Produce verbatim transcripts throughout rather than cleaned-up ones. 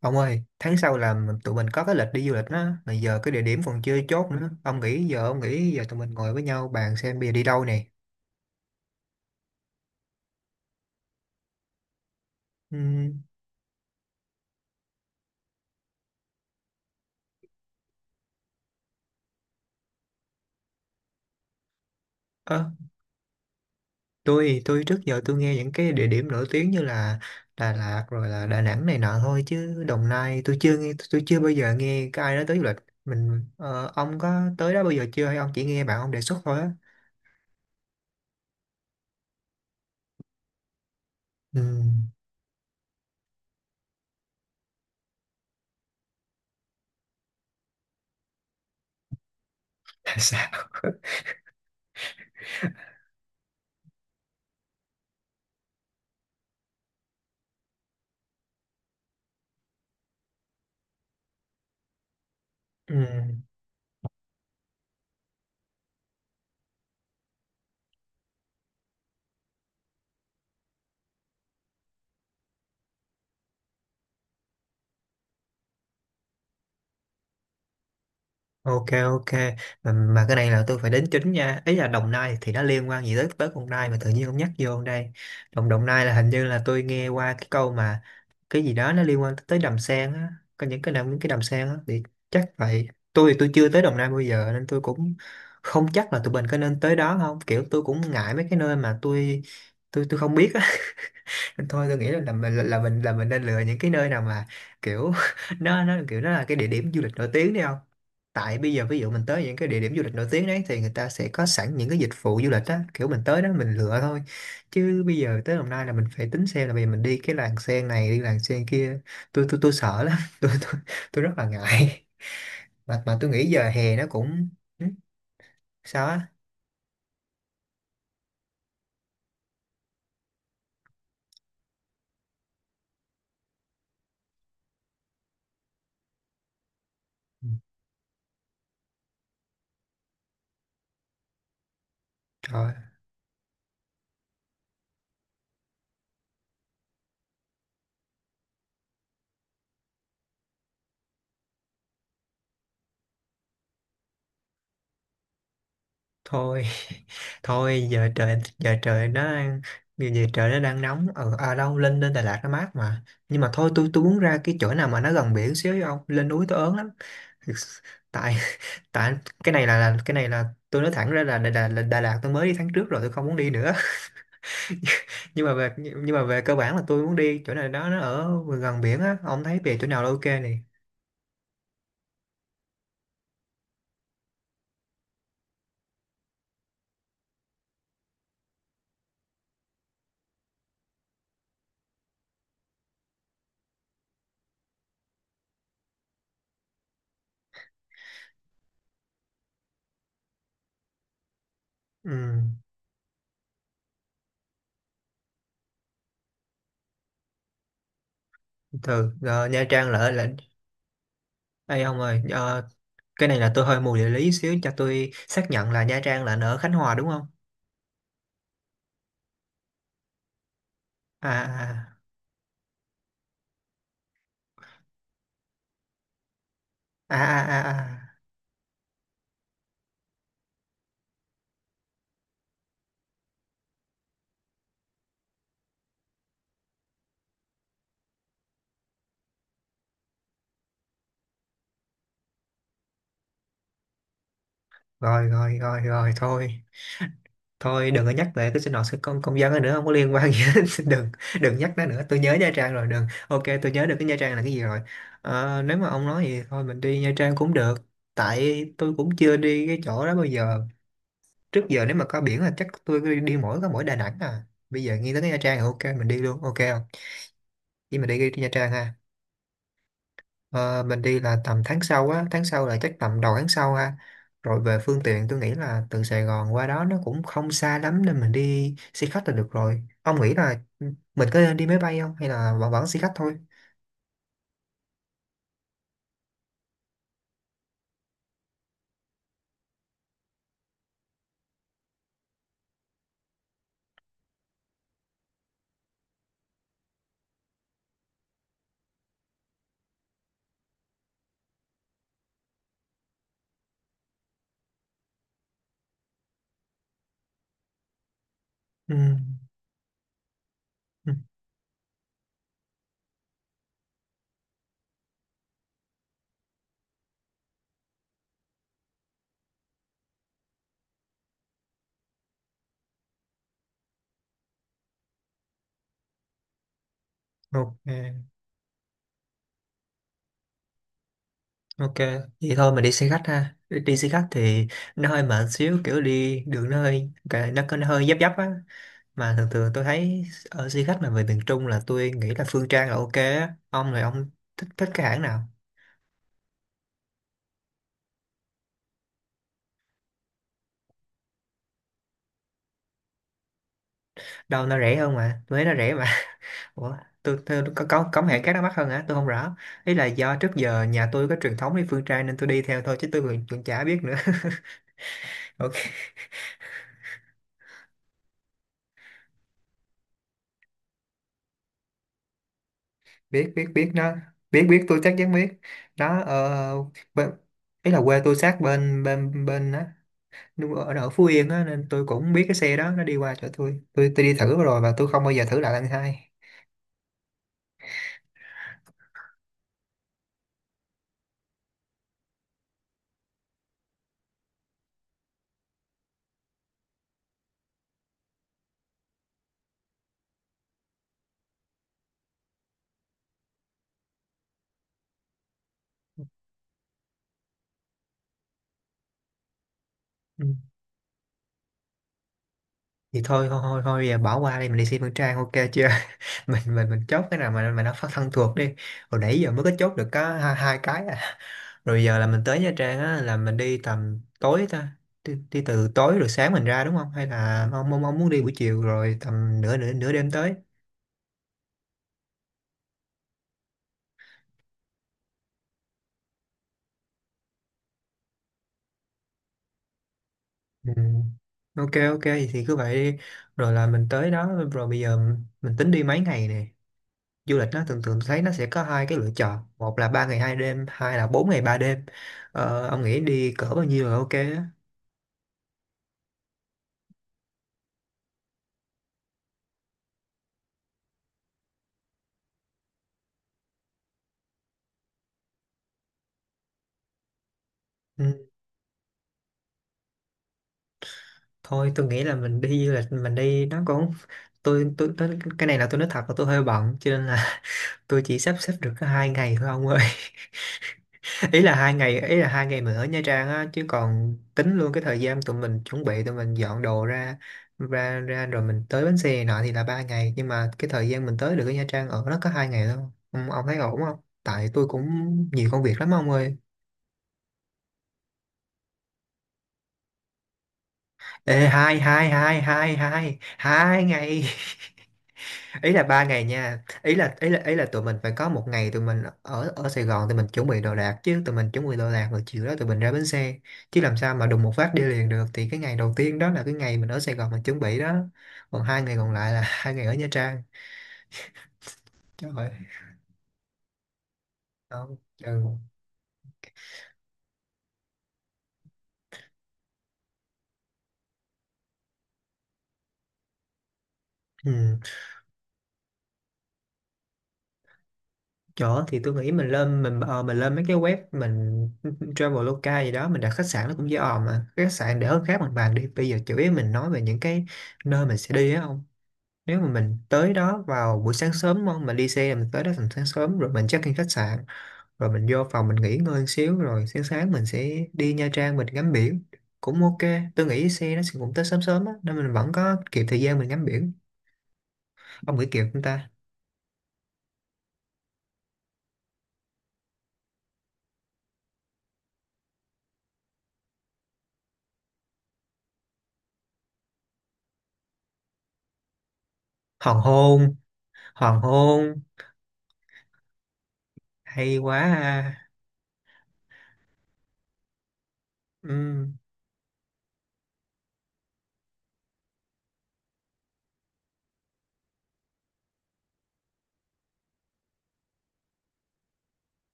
Ông ơi, tháng sau là mình- tụi mình có cái lịch đi du lịch đó, mà giờ cái địa điểm còn chưa chốt nữa. Ông nghĩ giờ ông nghĩ giờ tụi mình ngồi với nhau bàn xem bây giờ đi đâu nè. Ừm, ơ, tôi tôi trước giờ tôi nghe những cái địa điểm nổi tiếng như là Đà Lạt rồi là Đà Nẵng này nọ, thôi chứ Đồng Nai tôi chưa nghe, tôi chưa bao giờ nghe cái ai nói tới du lịch. Mình ờ, ông có tới đó bao giờ chưa, hay ông chỉ nghe bạn ông đề xuất thôi á? Ừm. Là sao? Ok, ok, mà, mà cái này là tôi phải đính chính nha, ý là Đồng Nai thì nó liên quan gì tới tới đồng Nai mà tự nhiên ông nhắc vô đây. Đồng Đồng Nai là hình như là tôi nghe qua cái câu mà cái gì đó nó liên quan tới đầm sen á, có những cái đầm những cái đầm sen á thì chắc vậy. Tôi thì tôi chưa tới Đồng Nai bao giờ nên tôi cũng không chắc là tụi mình có nên tới đó không, kiểu tôi cũng ngại mấy cái nơi mà tôi tôi tôi không biết á. Thôi tôi nghĩ là, là mình là mình là mình nên lựa những cái nơi nào mà kiểu nó nó kiểu nó là cái địa điểm du lịch nổi tiếng đi không. Tại bây giờ ví dụ mình tới những cái địa điểm du lịch nổi tiếng đấy thì người ta sẽ có sẵn những cái dịch vụ du lịch á, kiểu mình tới đó mình lựa thôi, chứ bây giờ tới Đồng Nai là mình phải tính xem là bây giờ mình đi cái làng sen này, đi làng sen kia. Tôi tôi tôi sợ lắm. tôi tôi tôi rất là ngại. Mà mà tôi nghĩ giờ hè nó cũng ừ, sao á. Ừ, trời, thôi. Thôi giờ trời giờ trời nó giờ giờ trời nó đang nóng ở, à đâu, lên lên Đà Lạt nó mát mà. Nhưng mà thôi tôi tôi muốn ra cái chỗ nào mà nó gần biển xíu, với ông lên núi tôi ớn lắm. Tại, tại cái này là, là cái này là tôi nói thẳng ra là Đà, Đà, Đà Lạt tôi mới đi tháng trước rồi, tôi không muốn đi nữa. nhưng mà về nhưng mà về cơ bản là tôi muốn đi chỗ này đó, nó ở gần biển á. Ông thấy về chỗ nào là ok này? Ừ, từ rồi Nha Trang lại là. Ê ông ơi, ờ, cái này là tôi hơi mù địa lý xíu, cho tôi xác nhận là Nha Trang là ở Khánh Hòa đúng không? à, à, à, à. À. À. À. Rồi, rồi, rồi, rồi, thôi. Thôi đừng có nhắc về cái sinh hoạt của công công dân đó nữa, không có liên quan gì hết. Đừng, đừng nhắc nó nữa, tôi nhớ Nha Trang rồi. Đừng. Ok, tôi nhớ được cái Nha Trang là cái gì rồi. Ờ, nếu mà ông nói gì thôi mình đi Nha Trang cũng được, tại tôi cũng chưa đi cái chỗ đó bao giờ. Trước giờ nếu mà có biển là chắc tôi đi, đi mỗi có mỗi Đà Nẵng à. Bây giờ nghĩ tới cái Nha Trang thì ok, mình đi luôn. Ok không? Vậy mình đi, đi Nha Trang ha. Ờ, mình đi là tầm tháng sau á, tháng sau là chắc tầm đầu tháng sau ha. Rồi về phương tiện, tôi nghĩ là từ Sài Gòn qua đó nó cũng không xa lắm nên mình đi xe khách là được rồi. Ông nghĩ là mình có nên đi máy bay không, hay là vẫn vẫn xe khách thôi? Ừ. Ừ. Ok, ok. Vậy thôi mình đi xe khách ha. Đi đi xe khách thì nó hơi mệt xíu, kiểu đi đường nó hơi cái- nó, có nó hơi dấp dấp á. Mà thường thường tôi thấy ở xe khách mà về miền Trung là tôi nghĩ là Phương Trang là ok á. Ông là ông thích thích cái hãng nào? Đâu nó rẻ hơn mà, Huế nó rẻ mà. Ủa, tôi, tôi có có có hệ các nó mắc hơn hả, tôi không rõ. Ý là do trước giờ nhà tôi có truyền thống đi phương Tây nên tôi đi theo thôi, chứ tôi còn cũng chả biết nữa. Ok. Biết, biết, biết nó. Biết, biết, tôi chắc chắn biết. Nó ờ, bên- ý là quê tôi sát bên, bên bên á, nu- ở, ở Phú Yên á, nên tôi cũng biết cái xe đó. Nó đi qua chỗ tôi, tôi tôi đi thử rồi và tôi không bao giờ thử lại lần hai. Thì thôi, thôi, thôi, thôi bỏ qua đi, mình đi xem Phương Trang, ok chưa? mình mình mình chốt cái nào mà mà nó phát thân thuộc đi. Hồi nãy giờ mới có chốt được có hai, hai cái à. Rồi giờ là mình tới Nha Trang á, là mình đi tầm tối ta? Đi, đi từ tối rồi sáng mình ra, đúng không, hay là ông, ông, ông muốn đi buổi chiều rồi tầm nửa nửa nửa đêm tới? Ừ. Ok, ok, thì cứ vậy đi. Rồi là mình tới đó rồi bây giờ mình tính đi mấy ngày nè. Du lịch nó thường thường tôi thấy nó sẽ có hai cái lựa chọn, một là ba ngày hai đêm, hai là bốn ngày ba đêm. Ờ, ông nghĩ đi cỡ bao nhiêu là ok á? Ừ. Thôi tôi nghĩ là mình đi du lịch mình đi nó cũng, tôi, tôi tôi cái này là tôi nói thật là tôi hơi bận, cho nên là tôi chỉ sắp xếp được có hai ngày thôi ông ơi. Ý là hai ngày ý là hai ngày mình ở Nha Trang á, chứ còn tính luôn cái thời gian tụi mình chuẩn bị, tụi mình dọn đồ ra, ra ra rồi mình tới bến xe này nọ thì là ba ngày, nhưng mà cái thời gian mình tới được ở Nha Trang ở nó có hai ngày thôi. Ông, ông, thấy ổn không, tại tôi cũng nhiều công việc lắm ông ơi. Ê hai hai hai hai hai hai ngày, ý là ba ngày nha, ý là ý là ý là tụi mình phải có một ngày tụi mình ở ở Sài Gòn tụi mình chuẩn bị đồ đạc, chứ tụi mình chuẩn bị đồ đạc rồi chiều đó tụi mình ra bến xe. Chứ làm sao mà đùng một phát đi liền được. Thì cái ngày đầu tiên đó là cái ngày mình ở Sài Gòn mình chuẩn bị đó, còn hai ngày còn lại là hai ngày ở Nha Trang. Trời ơi! Không. Ừ. Ừ. Chỗ thì tôi nghĩ mình lên, mình ờ, mình lên mấy cái web, mình Traveloka gì đó mình đặt khách sạn nó cũng dễ òm. Mà cái khách sạn để hơn khác bằng bàn đi, bây giờ chủ yếu mình nói về những cái nơi mình sẽ đi á. Nếu mà mình tới đó vào buổi sáng sớm đúng không, mình đi xe mình tới đó tầm sáng sớm rồi mình check in khách sạn, rồi mình vô phòng mình nghỉ ngơi một xíu, rồi sáng sáng mình sẽ đi Nha Trang mình ngắm biển cũng ok. Tôi nghĩ xe nó sẽ cũng tới sớm sớm á, nên mình vẫn có kịp thời gian mình ngắm biển. Ông nghĩ kịp không ta? Hoàng hôn. Hoàng hôn. Hay quá ha. Ừ.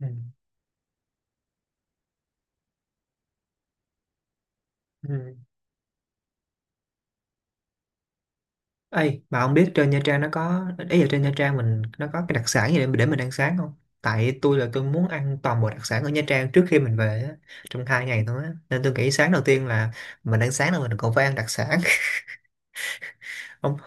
Ừ. Ừ. Ê, mà ông biết trên Nha Trang nó có, ý là trên Nha Trang mình nó có cái đặc sản gì để, để mình ăn sáng không? Tại tôi là tôi muốn ăn toàn bộ đặc sản ở Nha Trang trước khi mình về á, trong hai ngày thôi á. Nên tôi nghĩ sáng đầu tiên là mình ăn sáng là mình còn phải ăn đặc sản. Ông,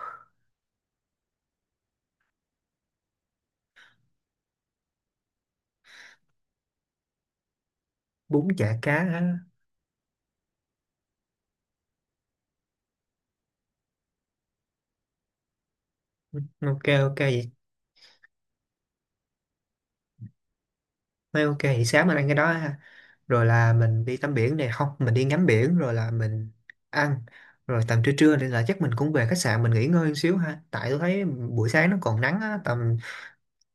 bún chả cá á. Ok, ok vậy. Nói ok thì sáng mình ăn cái đó ha. Rồi là mình đi tắm biển này không, mình đi ngắm biển rồi là mình ăn. Rồi tầm trưa trưa nên là chắc mình cũng về khách sạn mình nghỉ ngơi một xíu ha. Tại tôi thấy buổi sáng nó còn nắng á, tầm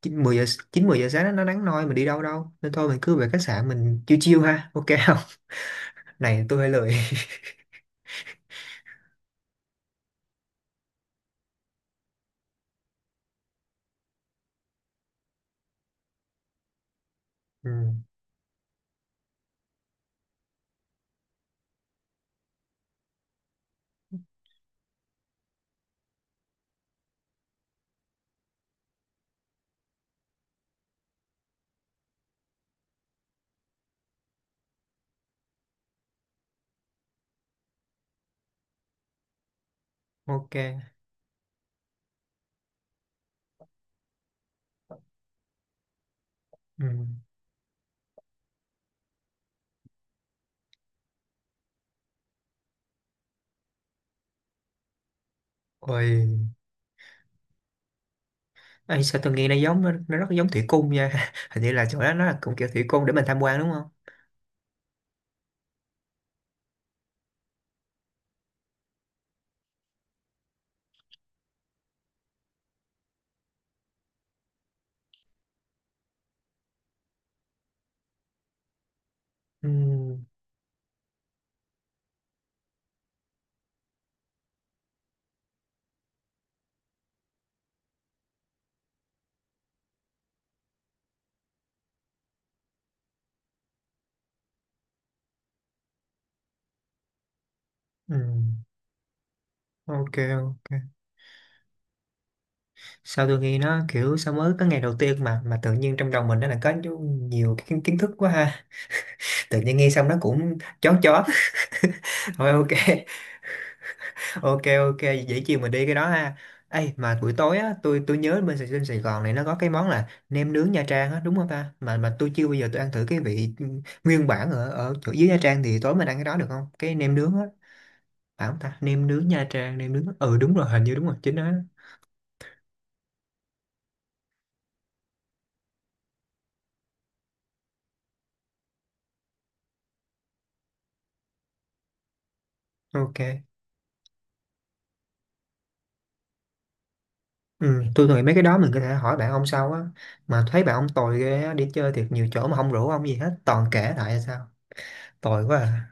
chín mười giờ chín mười giờ sáng nó nó nắng nôi mình đi đâu đâu, nên thôi mình cứ về khách sạn mình chiêu chiêu ha, ok không? Này tôi hơi lười. Ừ. Ok. Ừ. Ôi. Ê, sao tôi nghe nó giống, nó, nó rất giống thủy cung nha. Hình như là chỗ đó nó là cũng kiểu thủy cung để mình tham quan đúng không? Ừ, ừ. Ok, ok, sao tôi nghe nó kiểu sao mới có ngày đầu tiên mà mà tự nhiên trong đầu mình nó là có nhiều cái kiến kiến thức quá ha. Tự nhiên nghe xong nó cũng chón chón. Thôi ok. Ok, ok vậy chiều mình đi cái đó ha. Ê, mà buổi tối á, tôi tôi nhớ bên Sài- trên Sài Gòn này nó có cái món là nem nướng Nha Trang á đúng không ta, mà mà tôi chưa bao giờ tôi ăn thử cái vị nguyên bản ở ở chỗ dưới Nha Trang. Thì tối mình ăn cái đó được không, cái nem nướng á, phải không ta? Nem nướng Nha Trang, nem nướng, ừ đúng rồi, hình như đúng rồi chính đó. Ok. Ừ, tôi nghĩ mấy cái đó mình có thể hỏi bạn ông sau á. Mà thấy bạn ông tồi ghê á, đi chơi thiệt nhiều chỗ mà không rủ ông gì hết, toàn kể lại hay sao, tồi quá à.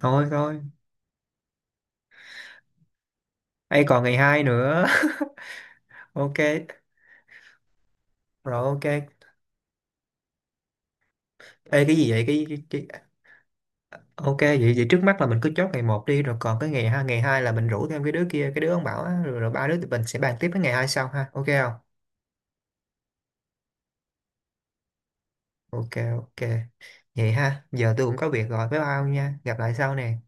Thôi, thôi, ấy còn ngày hai nữa. Ok. Rồi. Ok. Ê cái gì vậy, cái, cái, cái... Ok, vậy vậy trước mắt là mình cứ chốt ngày một đi, rồi còn cái ngày hai, ngày hai là mình rủ thêm cái đứa kia, cái đứa ông bảo á, rồi, rồi ba đứa tụi mình sẽ bàn tiếp cái ngày hai sau ha, ok không? Ok. Ok, vậy ha giờ tôi cũng có việc rồi, bye bye ông nha, gặp lại sau nè.